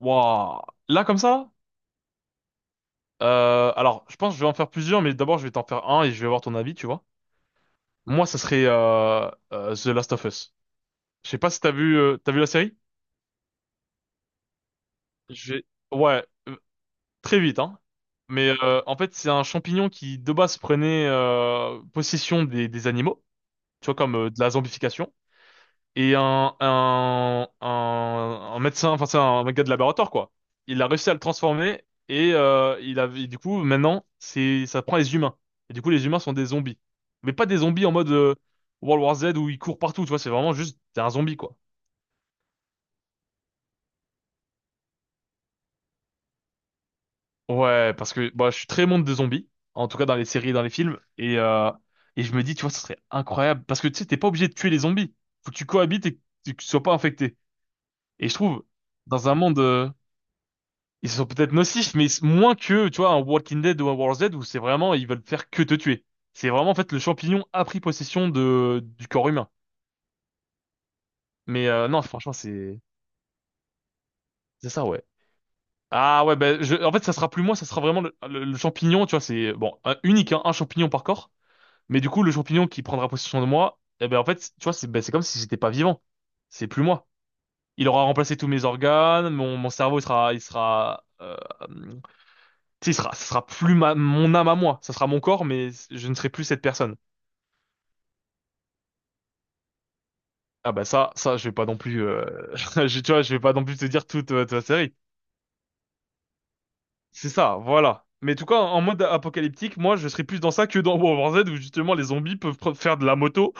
Waouh. Là, comme ça? Alors, je pense que je vais en faire plusieurs, mais d'abord, je vais t'en faire un et je vais voir ton avis, tu vois. Moi, ça serait The Last of Us. Je sais pas si t'as vu, t'as vu la série? Je vais- Ouais, très vite, hein. Mais en fait, c'est un champignon qui, de base, prenait possession des animaux, tu vois, comme de la zombification. Et un médecin, enfin c'est un gars de laboratoire quoi. Il a réussi à le transformer et du coup maintenant c'est, ça prend les humains. Et du coup les humains sont des zombies, mais pas des zombies en mode World War Z où ils courent partout, tu vois. C'est vraiment juste t'es un zombie quoi. Ouais, parce que bah, je suis très monde des zombies, en tout cas dans les séries et dans les films, et je me dis, tu vois, ça serait incroyable, parce que tu sais, t'es pas obligé de tuer les zombies, faut que tu cohabites et que tu sois pas infecté. Et je trouve, dans un monde. Ils sont peut-être nocifs, mais moins que, tu vois, un Walking Dead ou un World Z où c'est vraiment, ils veulent faire que te tuer. C'est vraiment, en fait, le champignon a pris possession du corps humain. Mais non, franchement, c'est ça, ouais. Ah ouais, ben, en fait, ça sera plus moi, ça sera vraiment le champignon, tu vois, c'est, bon, unique, hein, un champignon par corps. Mais du coup, le champignon qui prendra possession de moi, eh ben, en fait, tu vois, c'est comme si j'étais pas vivant. C'est plus moi. Il aura remplacé tous mes organes, mon cerveau, il sera. Tu sais, ce sera plus mon âme à moi, ça sera mon corps, mais je ne serai plus cette personne. Ah bah ça, ça, je vais pas non plus, tu vois, je vais pas non plus te dire toute ta série. C'est ça, voilà. Mais en tout cas, en mode apocalyptique, moi, je serais plus dans ça que dans World War Z, où justement les zombies peuvent faire de la moto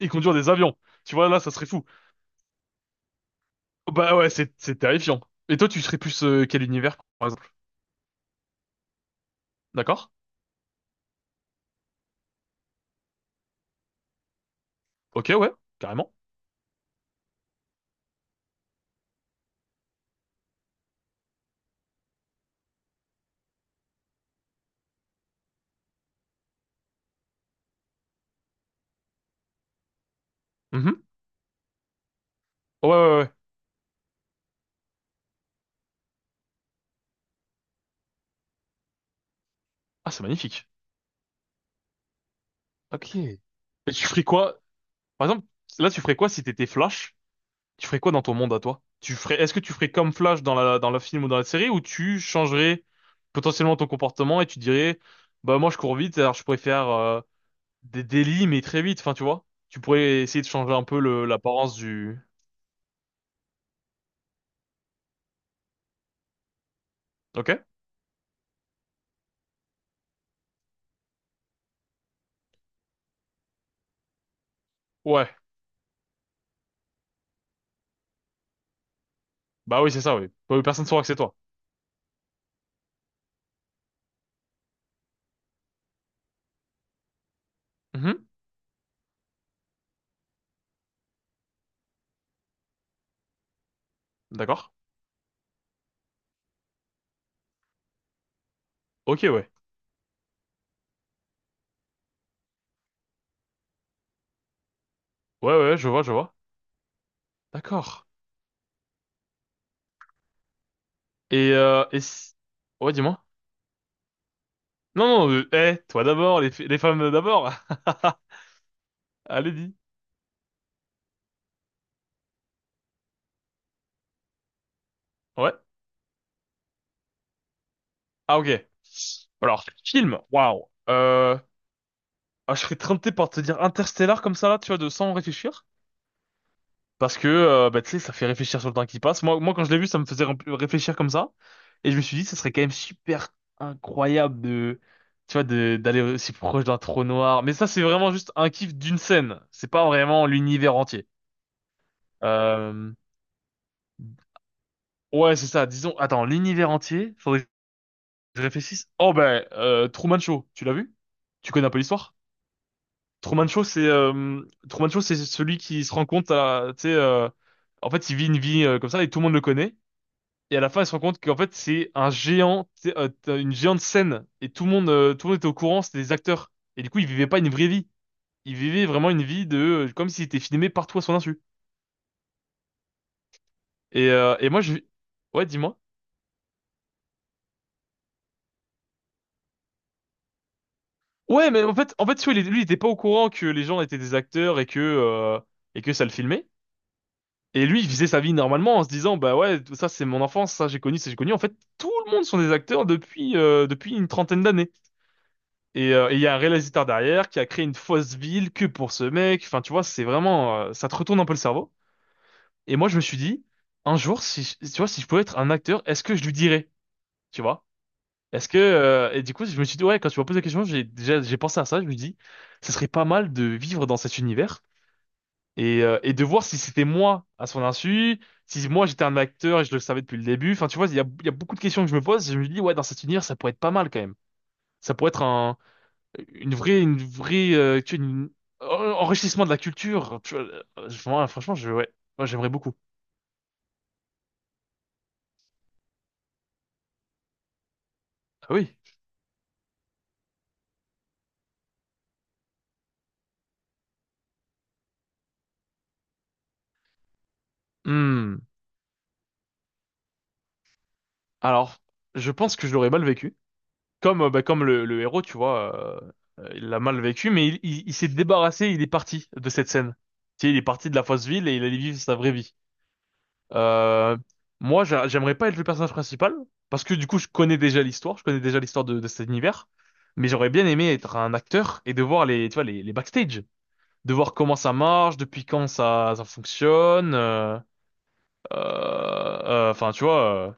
et conduire des avions. Tu vois, là, ça serait fou. Bah ouais, c'est terrifiant. Et toi, tu serais plus quel univers, par exemple? D'accord? Ok, ouais, carrément. Mhm. Ouais, ouais, ouais. Ah, c'est magnifique. Ok. Et tu ferais quoi? Par exemple, là, tu ferais quoi si t'étais Flash? Tu ferais quoi dans ton monde à toi? Est-ce que tu ferais comme Flash dans le film ou dans la série ou tu changerais potentiellement ton comportement et tu dirais, bah moi je cours vite, alors je pourrais faire des délits mais très vite, enfin tu vois? Tu pourrais essayer de changer un peu l'apparence du. Ok? Ouais. Bah oui, c'est ça, oui. Bah oui, personne ne saura que c'est toi. Mhm. D'accord. Ok, ouais. Ouais, ouais, je vois, je vois. D'accord. Et. Ouais, dis-moi. Non, non, toi d'abord, les femmes d'abord. Allez, dis. Ouais. Ah ok. Alors, film, waouh. Euh, ah, je serais tenté par te dire Interstellar comme ça là, tu vois, de sans réfléchir. Parce que, bah, tu sais, ça fait réfléchir sur le temps qui passe. Moi, moi quand je l'ai vu, ça me faisait réfléchir comme ça. Et je me suis dit, ça serait quand même super incroyable de, tu vois, d'aller aussi proche d'un trou noir. Mais ça, c'est vraiment juste un kiff d'une scène. C'est pas vraiment l'univers entier. Euh, ouais, c'est ça. Disons, attends, l'univers entier, faudrait que je réfléchisse. Oh ben, Truman Show, tu l'as vu? Tu connais un peu l'histoire? Truman Show, c'est euh, Truman Show, c'est celui qui se rend compte tu sais, en fait, il vit une vie comme ça et tout le monde le connaît. Et à la fin, il se rend compte qu'en fait, c'est un géant, tu sais, t'as une géante scène. Et tout le monde était au courant, c'était des acteurs. Et du coup, il vivait pas une vraie vie. Il vivait vraiment une vie comme s'il était filmé partout à son insu. Et moi, ouais, dis-moi. Ouais, mais en fait, tu vois, lui, il était pas au courant que les gens étaient des acteurs et que ça le filmait. Et lui, il faisait sa vie normalement en se disant, bah ouais, tout ça c'est mon enfance, ça j'ai connu, ça j'ai connu. En fait, tout le monde sont des acteurs depuis une trentaine d'années. Et il y a un réalisateur derrière qui a créé une fausse ville que pour ce mec. Enfin, tu vois, c'est vraiment, ça te retourne un peu le cerveau. Et moi, je me suis dit, un jour, si je- tu vois, si je pouvais être un acteur, est-ce que je lui dirais, tu vois? Est-ce que Et du coup, je me suis dit, ouais, quand tu m'as posé la question, j'ai déjà j'ai pensé à ça. Je me dis, ce serait pas mal de vivre dans cet univers. Et de voir si c'était moi à son insu, si moi j'étais un acteur et je le savais depuis le début. Enfin, tu vois, il y a beaucoup de questions que je me pose. Je me dis, ouais, dans cet univers, ça pourrait être pas mal quand même. Ça pourrait être tu vois, un enrichissement de la culture. Tu vois, moi, franchement, ouais, moi j'aimerais beaucoup. Ah oui. Hmm. Alors, je pense que je l'aurais mal vécu. Comme, bah, comme le héros, tu vois, il l'a mal vécu, mais il s'est débarrassé, il est parti de cette scène. Tu sais, il est parti de la fausse ville et il allait vivre sa vraie vie. Euh, moi, j'aimerais pas être le personnage principal, parce que du coup, je connais déjà l'histoire, je connais déjà l'histoire de cet univers, mais j'aurais bien aimé être un acteur et de voir tu vois, les backstage, de voir comment ça marche, depuis quand ça fonctionne. Enfin, tu vois,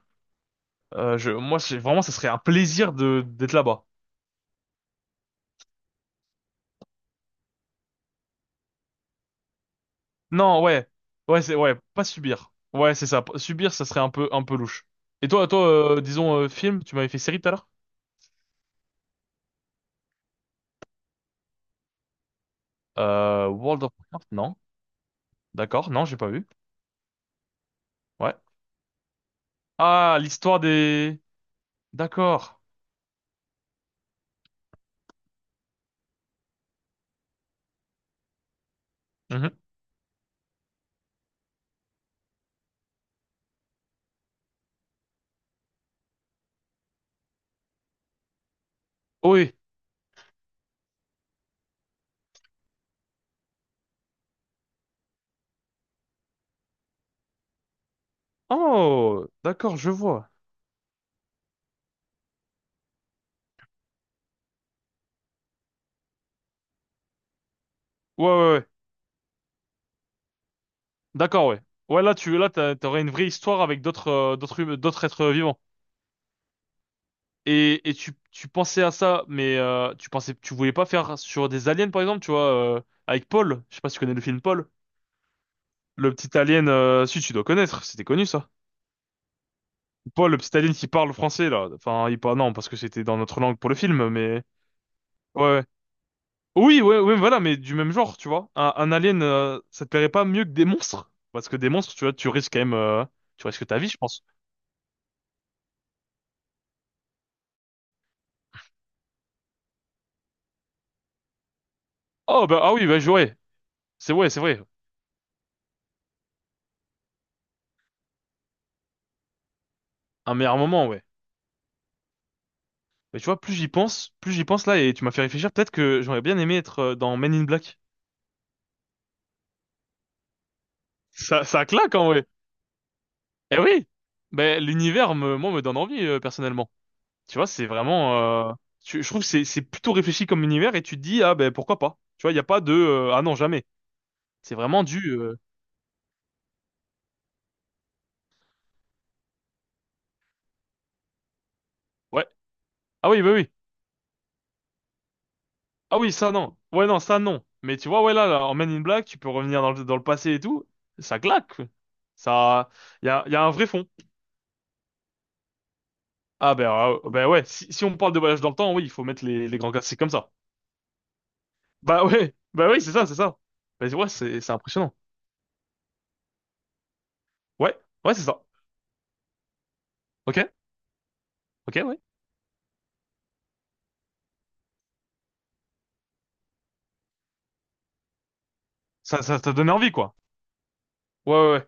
moi, vraiment, ça serait un plaisir de d'être là-bas. Non, ouais, ouais, c'est ouais, pas subir. Ouais, c'est ça. Subir, ça serait un peu louche. Et toi, toi, disons film, tu m'avais fait série tout à l'heure? World of Warcraft, non? D'accord, non, j'ai pas vu. Ouais. Ah, l'histoire des. D'accord. Mhm. Oui. Oh, d'accord, je vois. Ouais, ouais, ouais. D'accord, ouais. Ouais, là, là, t'aurais une vraie histoire avec d'autres êtres vivants. Et tu pensais à ça, mais tu voulais pas faire sur des aliens, par exemple, tu vois, euh, avec Paul. Je sais pas si tu connais le film Paul. Le petit alien, si tu dois connaître, c'était connu ça. Paul, le petit alien qui parle français là. Enfin, il parle non, parce que c'était dans notre langue pour le film, mais ouais. Ouais. Oui, ouais, ouais, voilà, mais du même genre, tu vois. Un alien, ça te plairait pas mieux que des monstres? Parce que des monstres, tu vois, tu risques quand même, tu risques ta vie, je pense. Oh, bah, ah oui, bah, jouer. C'est vrai, c'est vrai. Un meilleur moment, ouais. Mais tu vois, plus j'y pense là, et tu m'as fait réfléchir, peut-être que j'aurais bien aimé être dans Men in Black. Ça claque, en vrai. Eh oui! Ben, l'univers, moi, me donne envie, personnellement. Tu vois, c'est vraiment, je trouve que c'est plutôt réfléchi comme univers, et tu te dis, ah, ben, pourquoi pas? Tu vois, il n'y a pas ah non, jamais. C'est vraiment du, ouais. Ah oui, bah oui. Ah oui, ça non. Ouais, non, ça non. Mais tu vois, ouais, là, là, en Men in Black, tu peux revenir dans le passé et tout. Ça claque. Ça, il y a un vrai fond. Ah, ben ouais, si on parle de voyage dans le temps, oui, il faut mettre les grands classiques comme ça. Bah ouais, bah oui, c'est ça, c'est ça. Bah ouais, c'est impressionnant. Ouais, ouais, c'est ça. Ok, ok, ouais. Ça t'a donné envie, quoi. Ouais, ouais, ouais.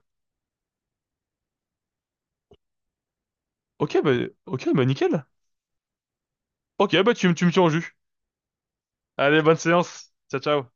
Ok, bah, ok, bah nickel. Ok, bah tu me tiens au jus. Allez, bonne séance. Ciao, ciao.